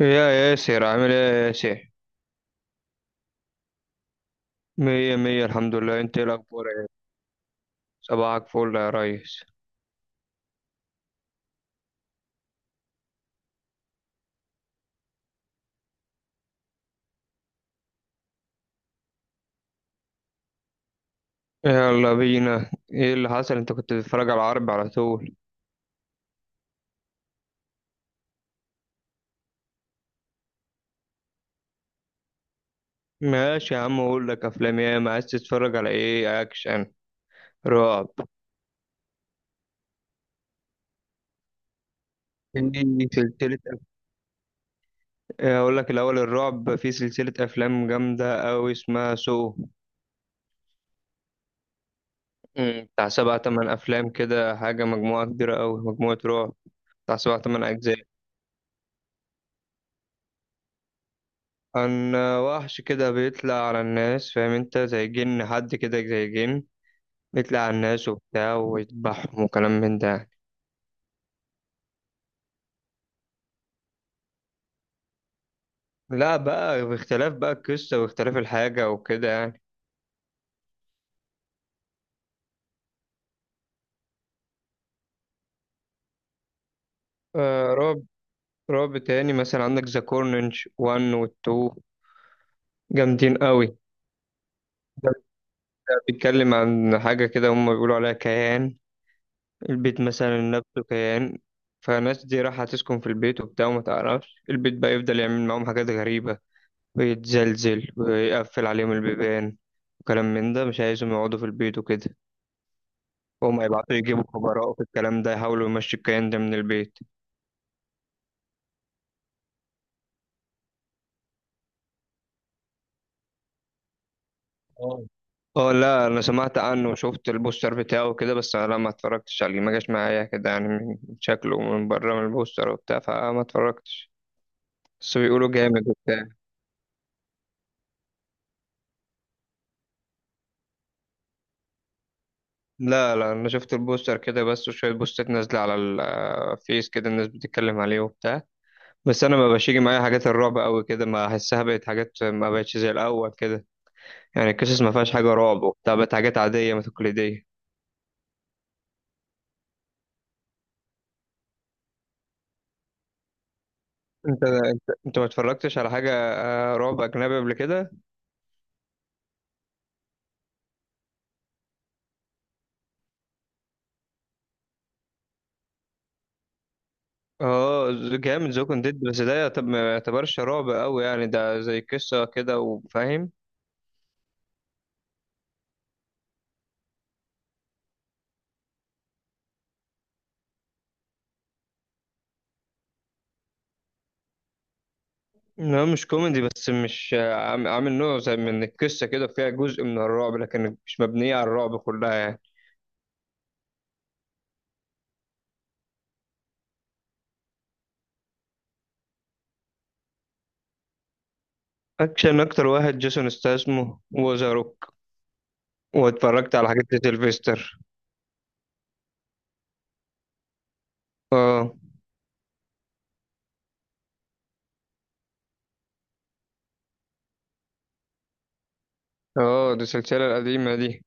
يا ياسر، عامل ايه يا ياسر؟ مية مية الحمد لله. انت ايه الاخبار ايه؟ صباحك فل يا ريس. يلا بينا، ايه اللي حصل؟ انت كنت بتتفرج على العرب على طول. ماشي يا عم، اقول لك افلام ايه. ما عايز تتفرج على ايه، اكشن؟ رعب. في سلسلة أف- اقول لك الاول الرعب، في سلسلة افلام جامدة اوي اسمها سو. بتاع سبع تمن افلام كده، حاجة مجموعة كبيرة اوي، مجموعة رعب. بتاع سبع تمن اجزاء. كان وحش كده بيطلع على الناس، فاهم انت، زي جن، حد كده زي جن. بيطلع على الناس وبتاع ويذبحهم وكلام من ده يعني. لا بقى، باختلاف بقى القصة واختلاف الحاجة وكده يعني. آه، رعب. رعب تاني مثلا عندك ذا كورنج 1 و 2، جامدين قوي. ده ده بيتكلم عن حاجة كده هم بيقولوا عليها كيان، البيت مثلا نفسه كيان. فالناس دي رايحة تسكن في البيت وبتاع، وما تعرفش البيت بقى يفضل يعمل معاهم حاجات غريبة، ويتزلزل ويقفل عليهم البيبان، وكلام من ده، مش عايزهم يقعدوا في البيت وكده. هما يبعتوا يجيبوا خبراء في الكلام ده يحاولوا يمشوا الكيان ده من البيت. اه. اه لا، انا سمعت عنه وشفت البوستر بتاعه كده، بس انا ما اتفرجتش عليه، ما جاش معايا كده يعني، من شكله من بره من البوستر وبتاع، فما اتفرجتش. بس بيقولوا جامد وبتاع. لا لا، انا شفت البوستر كده بس، وشويه بوستات نازله على الفيس كده الناس بتتكلم عليه وبتاع. بس انا ما بقاش يجي معايا حاجات الرعب قوي كده، ما احسها بقت حاجات، ما بقتش زي الاول كده. يعني القصص ما فيهاش حاجه رعب وبتاع، بقت حاجات عاديه، ما تقليديه. انت ما اتفرجتش على حاجه رعب اجنبي قبل كده؟ اه جامد زوكن ديد، بس ده ما يعتبرش رعب قوي يعني، ده زي قصه كده وفاهم. لا مش كوميدي، بس مش عامل نوع زي من القصه كده، فيها جزء من الرعب لكن مش مبنيه على الرعب كلها يعني. اكشن، اكتر واحد جيسون استاسمو وذا. واتفرجت على حاجات لسيلفستر. اه. اه دي السلسلة القديمة دي.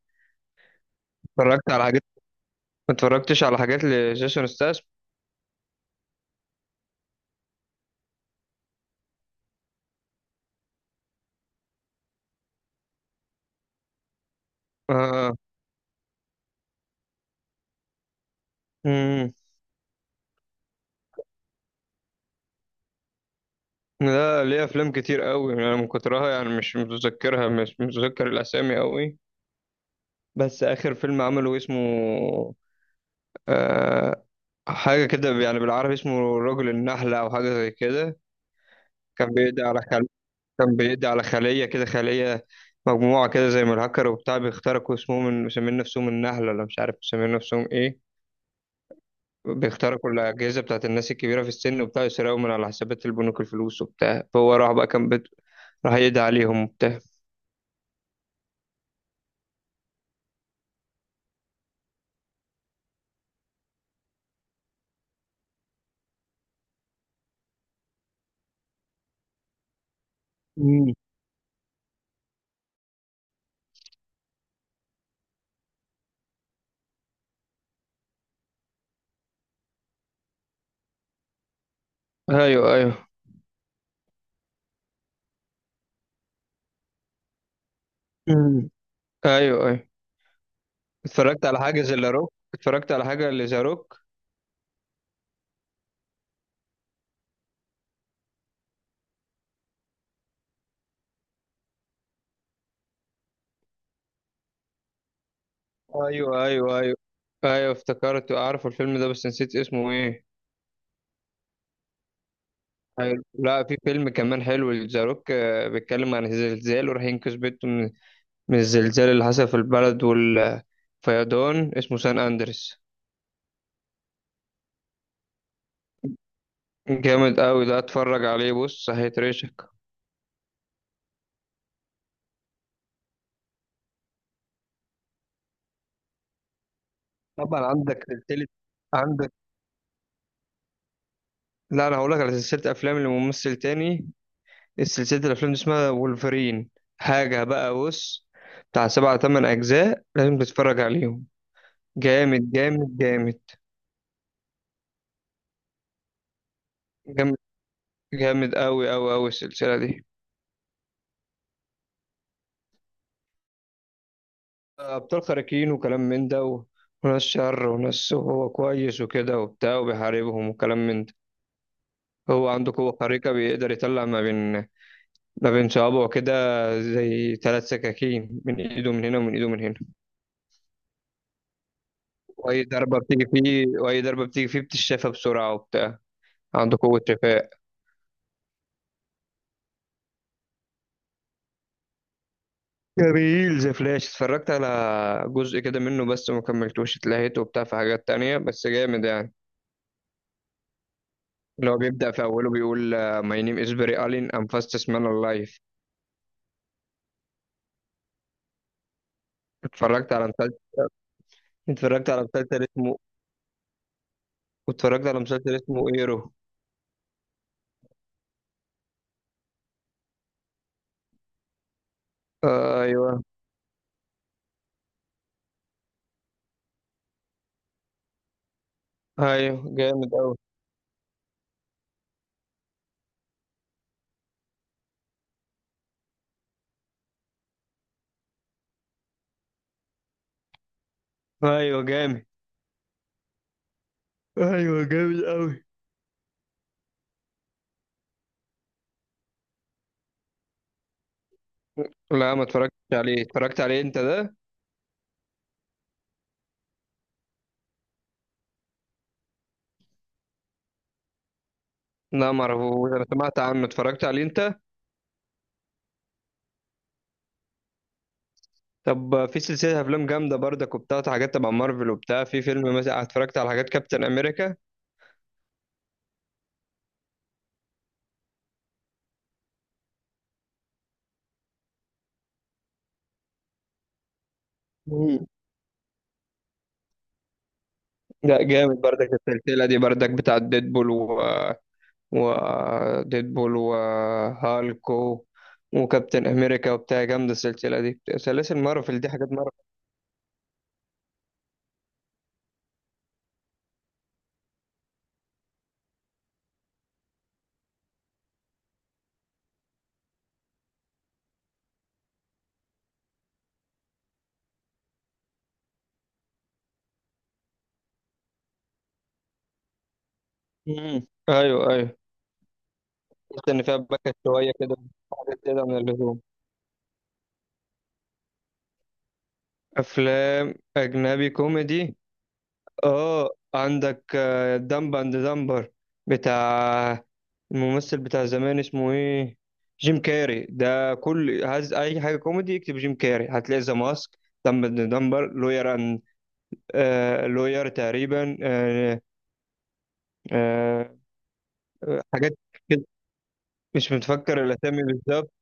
اتفرجت على حاجات، ما اتفرجتش على حاجات لجيسون ستاس. اه. امم. لا ليه افلام كتير قوي انا، من كترها يعني مش متذكرها، مش متذكر الاسامي قوي. بس اخر فيلم عمله اسمه، آه، حاجة كده يعني بالعربي اسمه رجل النحلة او حاجة زي كده. كان بيدي على كان بيقضي على خلية كده، خلية مجموعة كده زي ما الهاكر وبتاع بيخترقوا، اسمهم، من مسمين نفسهم النحلة ولا مش عارف مسمين نفسهم ايه. بيخترقوا الأجهزة بتاعت الناس الكبيرة في السن وبتاع، يسرقوا من على حسابات البنوك الفلوس وبتاع، فهو راح بقى راح يدعي عليهم وبتاع. مم. ايوه ايوه. مم. ايوه ايوه. اتفرجت على حاجة زي لاروك، اتفرجت على حاجة لزاروك. ايوه ايوه ايوه. ايوه افتكرت، اعرف الفيلم ده بس نسيت اسمه ايه. حلو. لا في فيلم كمان حلو لذا روك، بيتكلم عن الزلزال وراح ينقذ بنته من، من الزلزال اللي حصل في البلد والفيضان، اسمه سان أندرس. جامد قوي ده، اتفرج عليه بص، هيترشك. طبعا عندك سلسلة. عندك، لا انا هقول لك على سلسلة افلام لممثل تاني. السلسلة الافلام دي اسمها وولفرين. حاجة بقى بص، بتاع سبعة تمن اجزاء لازم تتفرج عليهم. جامد جامد جامد. جامد، جامد قوي قوي قوي السلسلة دي. ابطال خارقين وكلام من ده، و... وناس شر وناس هو كويس وكده وبتاع، وبيحاربهم وكلام من ده. هو عنده قوة خارقة، بيقدر يطلع ما بين، ما بين صوابعه كده، زي ثلاث سكاكين، من ايده من هنا ومن ايده من هنا. واي ضربة بتيجي فيه، واي ضربة بتيجي فيه بتشافى بسرعة وبتاع. عنده قوة شفاء. جميل زي فلاش. اتفرجت على جزء كده منه بس ما كملتوش، اتلهيت وبتاع في حاجات تانية، بس جامد يعني. اللي هو بيبدأ في أوله بيقول My name is Barry Allen, I'm fastest man alive. اتفرجت على مسلسل، اتفرجت على مسلسل اسمه، اتفرجت على مسلسل اسمه ايرو. آه ايوه. ايوه جامد قوي. ايوه جامد. ايوه جامد قوي. لا ما اتفرجتش عليه، اتفرجت عليه انت ده. لا ما اعرفوش، انا سمعت عنه، اتفرجت عليه انت. طب في سلسله افلام جامده برضك وبتاع، حاجات تبع مارفل وبتاع، في فيلم مثلا اتفرجت على حاجات كابتن امريكا. مم. لا جامد برضك السلسله دي برضك، بتاع ديدبول و، وديدبول وهالك وكابتن امريكا وبتاع، جامده السلسله دي، سلاسل مارفل دي، حاجات مارفل. ايوه ايوه. بس ان فيها باكت شويه كده، حاجات كده من اللزوم. افلام اجنبي كوميدي، اه عندك دمب اند دمبر، بتاع الممثل بتاع زمان اسمه ايه، جيم كاري ده. كل عايز اي حاجه كوميدي اكتب جيم كاري، هتلاقي ذا ماسك، دمب اند دمبر لوير، آه لوير تقريبا، آه، آه، حاجات كده. مش متفكر الاسامي بالظبط.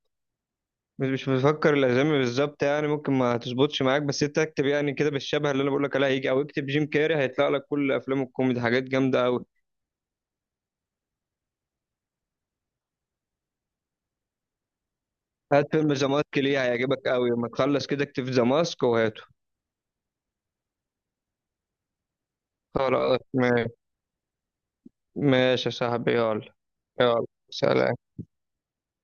مش متفكر الاسامي بالظبط يعني، ممكن ما تظبطش معاك، بس انت اكتب يعني كده بالشبه اللي انا بقول لك عليها هيجي، او اكتب جيم كاري هيطلع لك كل افلام الكوميدي، حاجات جامده قوي. هات فيلم ذا ماسك ليه، هيعجبك قوي، لما تخلص كده اكتب ذا ماسك وهاته. خلاص ماشي. ماشي يا صاحبي، يلا. يلا سلام.